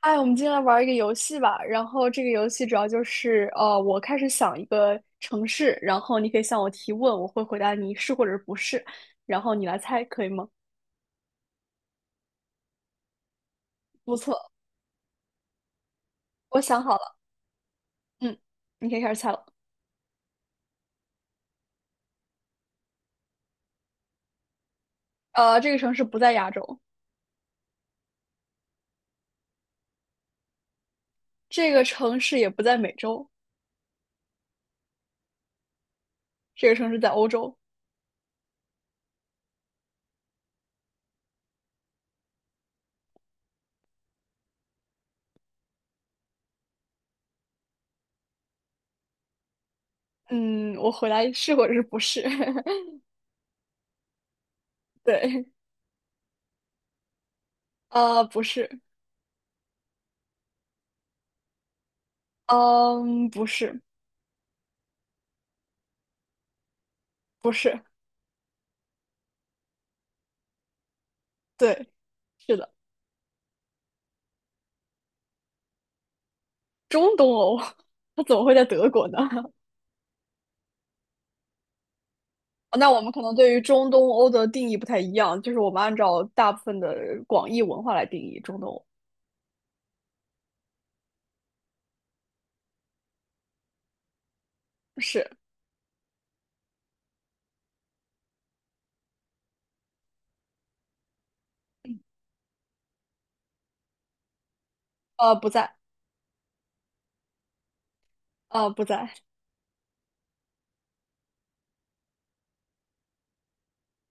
哎，我们今天来玩儿一个游戏吧。然后这个游戏主要就是，我开始想一个城市，然后你可以向我提问，我会回答你是或者是不是，然后你来猜，可以吗？不错，我想好了，嗯，你可以开始猜了。这个城市不在亚洲，这个城市也不在美洲，这个城市在欧洲。嗯，我回答是或者是不是？对，不是，嗯，不是，不是，对，是的，中东欧，它怎么会在德国呢？那我们可能对于中东欧的定义不太一样，就是我们按照大部分的广义文化来定义中东欧。是，不在，不在，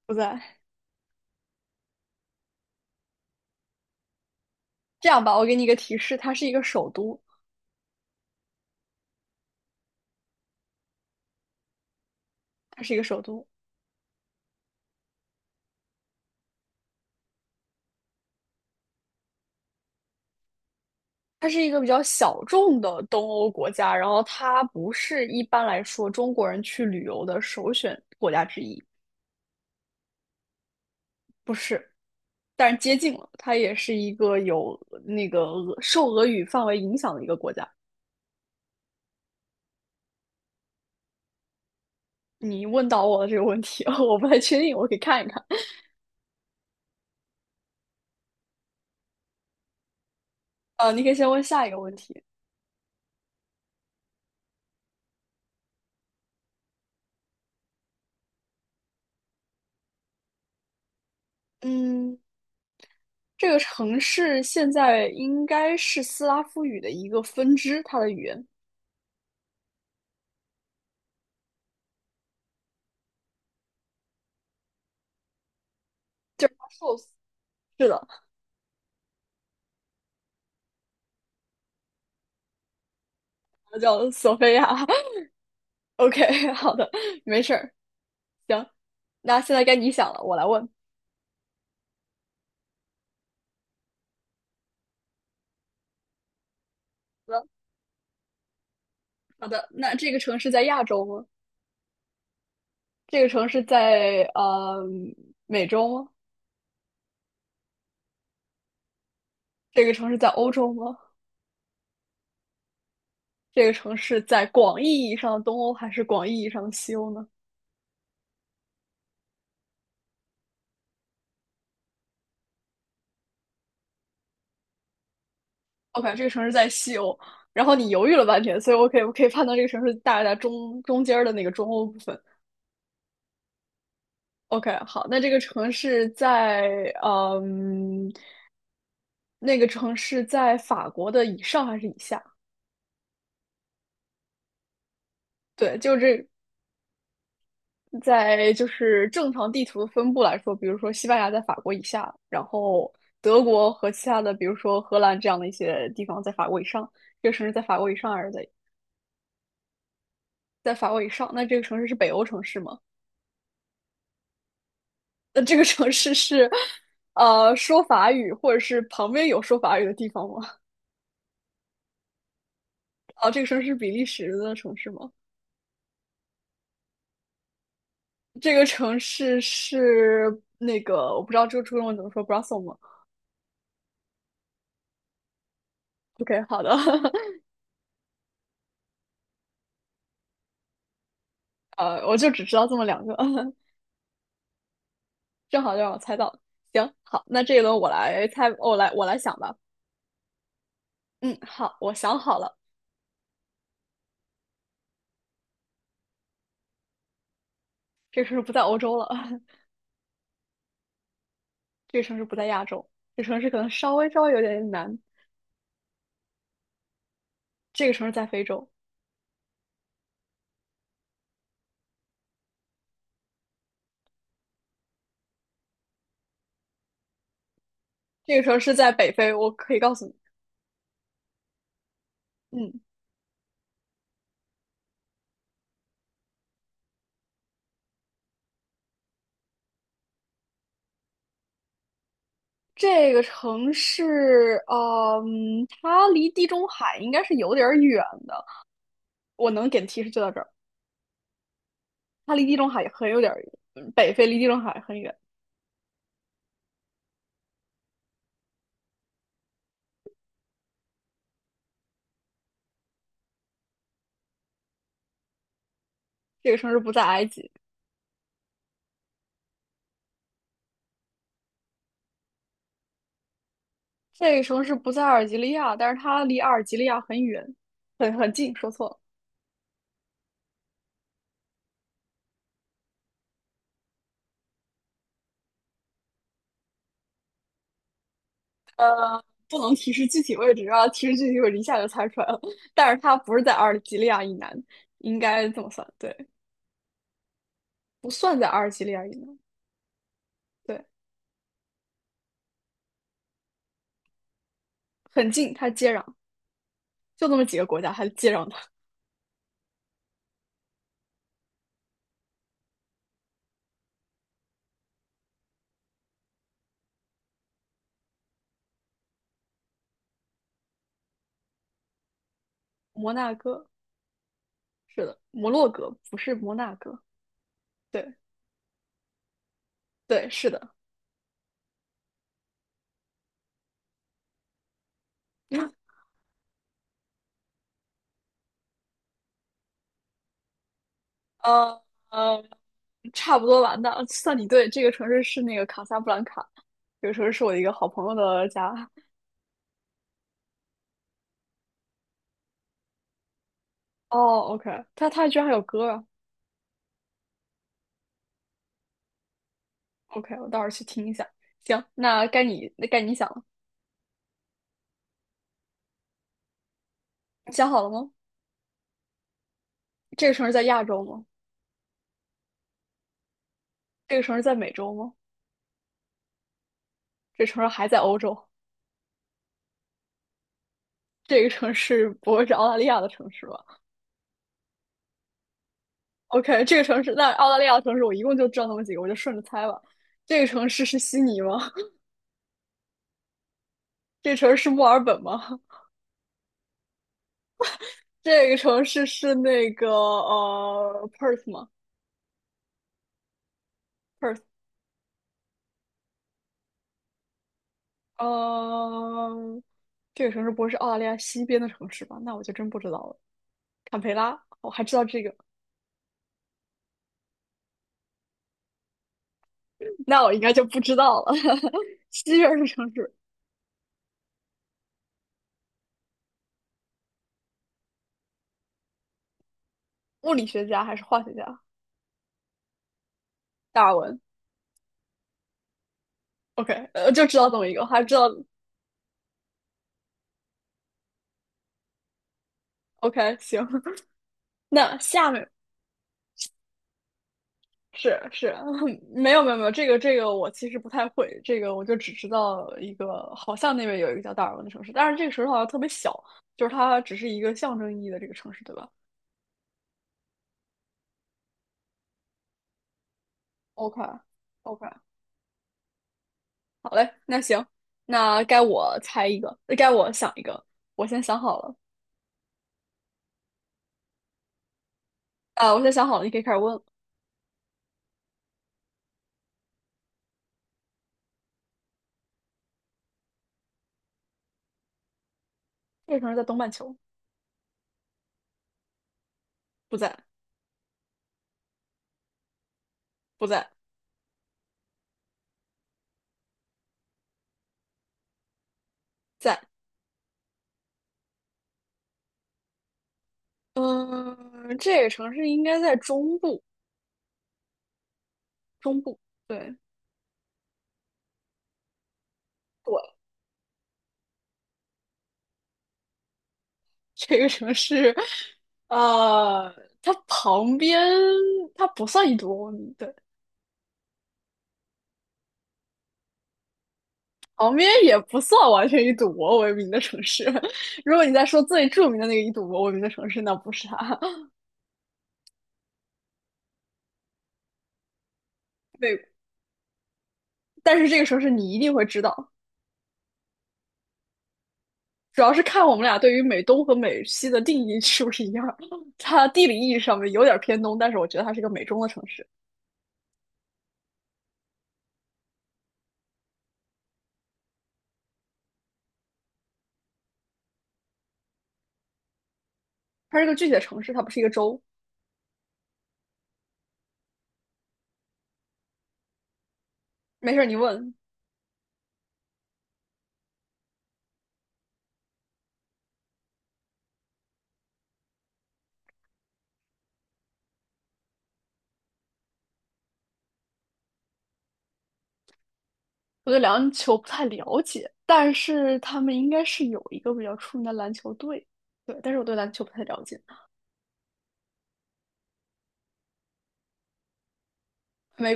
不在。这样吧，我给你一个提示，它是一个首都，它是一个首都，它是一个比较小众的东欧国家，然后它不是一般来说中国人去旅游的首选国家之一，不是，但是接近了，它也是一个有那个俄受俄语范围影响的一个国家。你问到我的这个问题，我不太确定，我可以看一看。你可以先问下一个问题。嗯，这个城市现在应该是斯拉夫语的一个分支，它的语言就是它受，是的，它叫索菲亚。OK，好的，没事儿，行。那现在该你想了，我来问。好的，好的。那这个城市在亚洲吗？这个城市在美洲吗？这个城市在欧洲吗？这个城市在广义意义上的东欧还是广义意义上的西欧呢？OK，这个城市在西欧，然后你犹豫了半天，所以我可以判断这个城市大概在中间的那个中欧部分。OK，好，那这个城市在嗯，那个城市在法国的以上还是以下？对，就是这在就是正常地图的分布来说，比如说西班牙在法国以下，然后德国和其他的，比如说荷兰这样的一些地方在法国以上。这个城市在法国以上还是在在法国以上？那这个城市是北欧城市吗？那这个城市是说法语，或者是旁边有说法语的地方吗？哦，这个城市是比利时的城市吗？这个城市是那个我不知道这个中文怎么说，Brussels 吗？OK，好的，我就只知道这么两个，正好就让我猜到了。行，好，那这一轮我来猜，我来想吧。嗯，好，我想好了，这个城市不在欧洲了，这个城市不在亚洲，这个城市可能稍微有点难，这个城市在非洲，这个城市在北非，我可以告诉你。嗯，这个城市，嗯，它离地中海应该是有点儿远的。我能给的提示就到这儿，它离地中海也很有点儿远，北非离地中海很远。这个城市不在埃及，这个城市不在阿尔及利亚，但是它离阿尔及利亚很远，很近。说错了，不能提示具体位置啊，提示具体位置一下就猜出来了。但是它不是在阿尔及利亚以南，应该这么算，对，不算在阿尔及利亚以南，对，很近，它接壤，就那么几个国家还接壤它，摩纳哥。是的，摩洛哥不是摩纳哥。对对，是的。呃呃，差不多吧。那算你对，这个城市是那个卡萨布兰卡，这个城市是我的一个好朋友的家。哦，OK，他他居然还有歌啊！OK，我到时候去听一下。行，那该你想了，你想好了吗？这个城市在亚洲吗？这个城市在美洲吗？这个城市还在欧洲？这个城市不会是澳大利亚的城市吧？OK，这个城市，那澳大利亚的城市，我一共就知道那么几个，我就顺着猜吧。这个城市是悉尼吗？这个城市是墨尔本吗？这个城市是那个Perth 吗？Perth，呃，这个城市不会是澳大利亚西边的城市吧？那我就真不知道了。坎培拉，我还知道这个，那我应该就不知道了。西边的城市，物理学家还是化学家？达尔文。OK，就知道这么一个，还知道。OK，行。那下面。是是，没有，这个这个我其实不太会，这个我就只知道一个，好像那边有一个叫达尔文的城市，但是这个城市好像特别小，就是它只是一个象征意义的这个城市，对吧？OK OK，好嘞，那行，那该我猜一个，该我想一个，我先想好了，啊，我先想好了，你可以开始问了。这个城市在东半球，不在，不在，在，嗯，这个城市应该在中部，中部，对。这个城市，呃，它旁边它不算一博欧名，对，旁边也不算完全以赌博为名的城市。如果你在说最著名的那个以赌博闻名的城市，那不是它。对，但是这个城市你一定会知道，主要是看我们俩对于美东和美西的定义是不是一样。它地理意义上面有点偏东，但是我觉得它是一个美中的城市，它是个具体的城市，它不是一个州。没事儿，你问。我对篮球不太了解，但是他们应该是有一个比较出名的篮球队，对，但是我对篮球不太了解，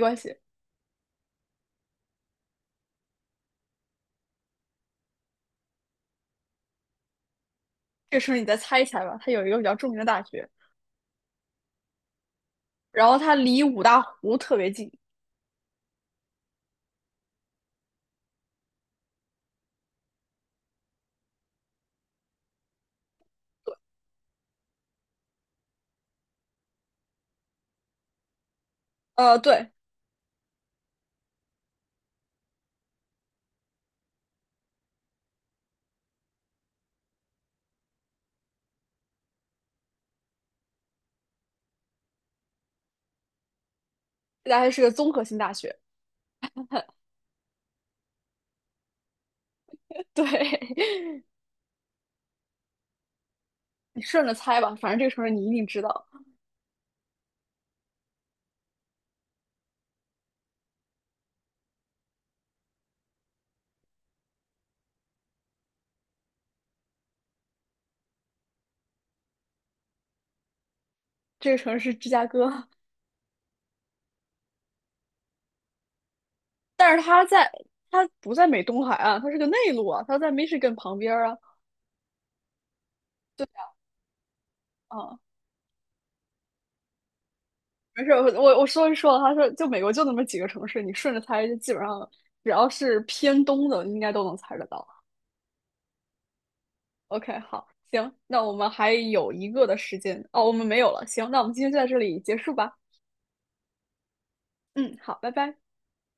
没关系，这个时候你再猜一猜吧。它有一个比较著名的大学，然后它离五大湖特别近，对，这大学是个综合性大学，对，你顺着猜吧，反正这个城市你一定知道，这个城市是芝加哥，但是它在它不在美东海岸，它是个内陆啊，它在 Michigan 旁边儿啊，啊，没事，我说一说了他说就美国就那么几个城市，你顺着猜，就基本上只要是偏东的，应该都能猜得到。OK，好，行，那我们还有一个的时间，哦，我们没有了，行，那我们今天就在这里结束吧。嗯，好，拜拜。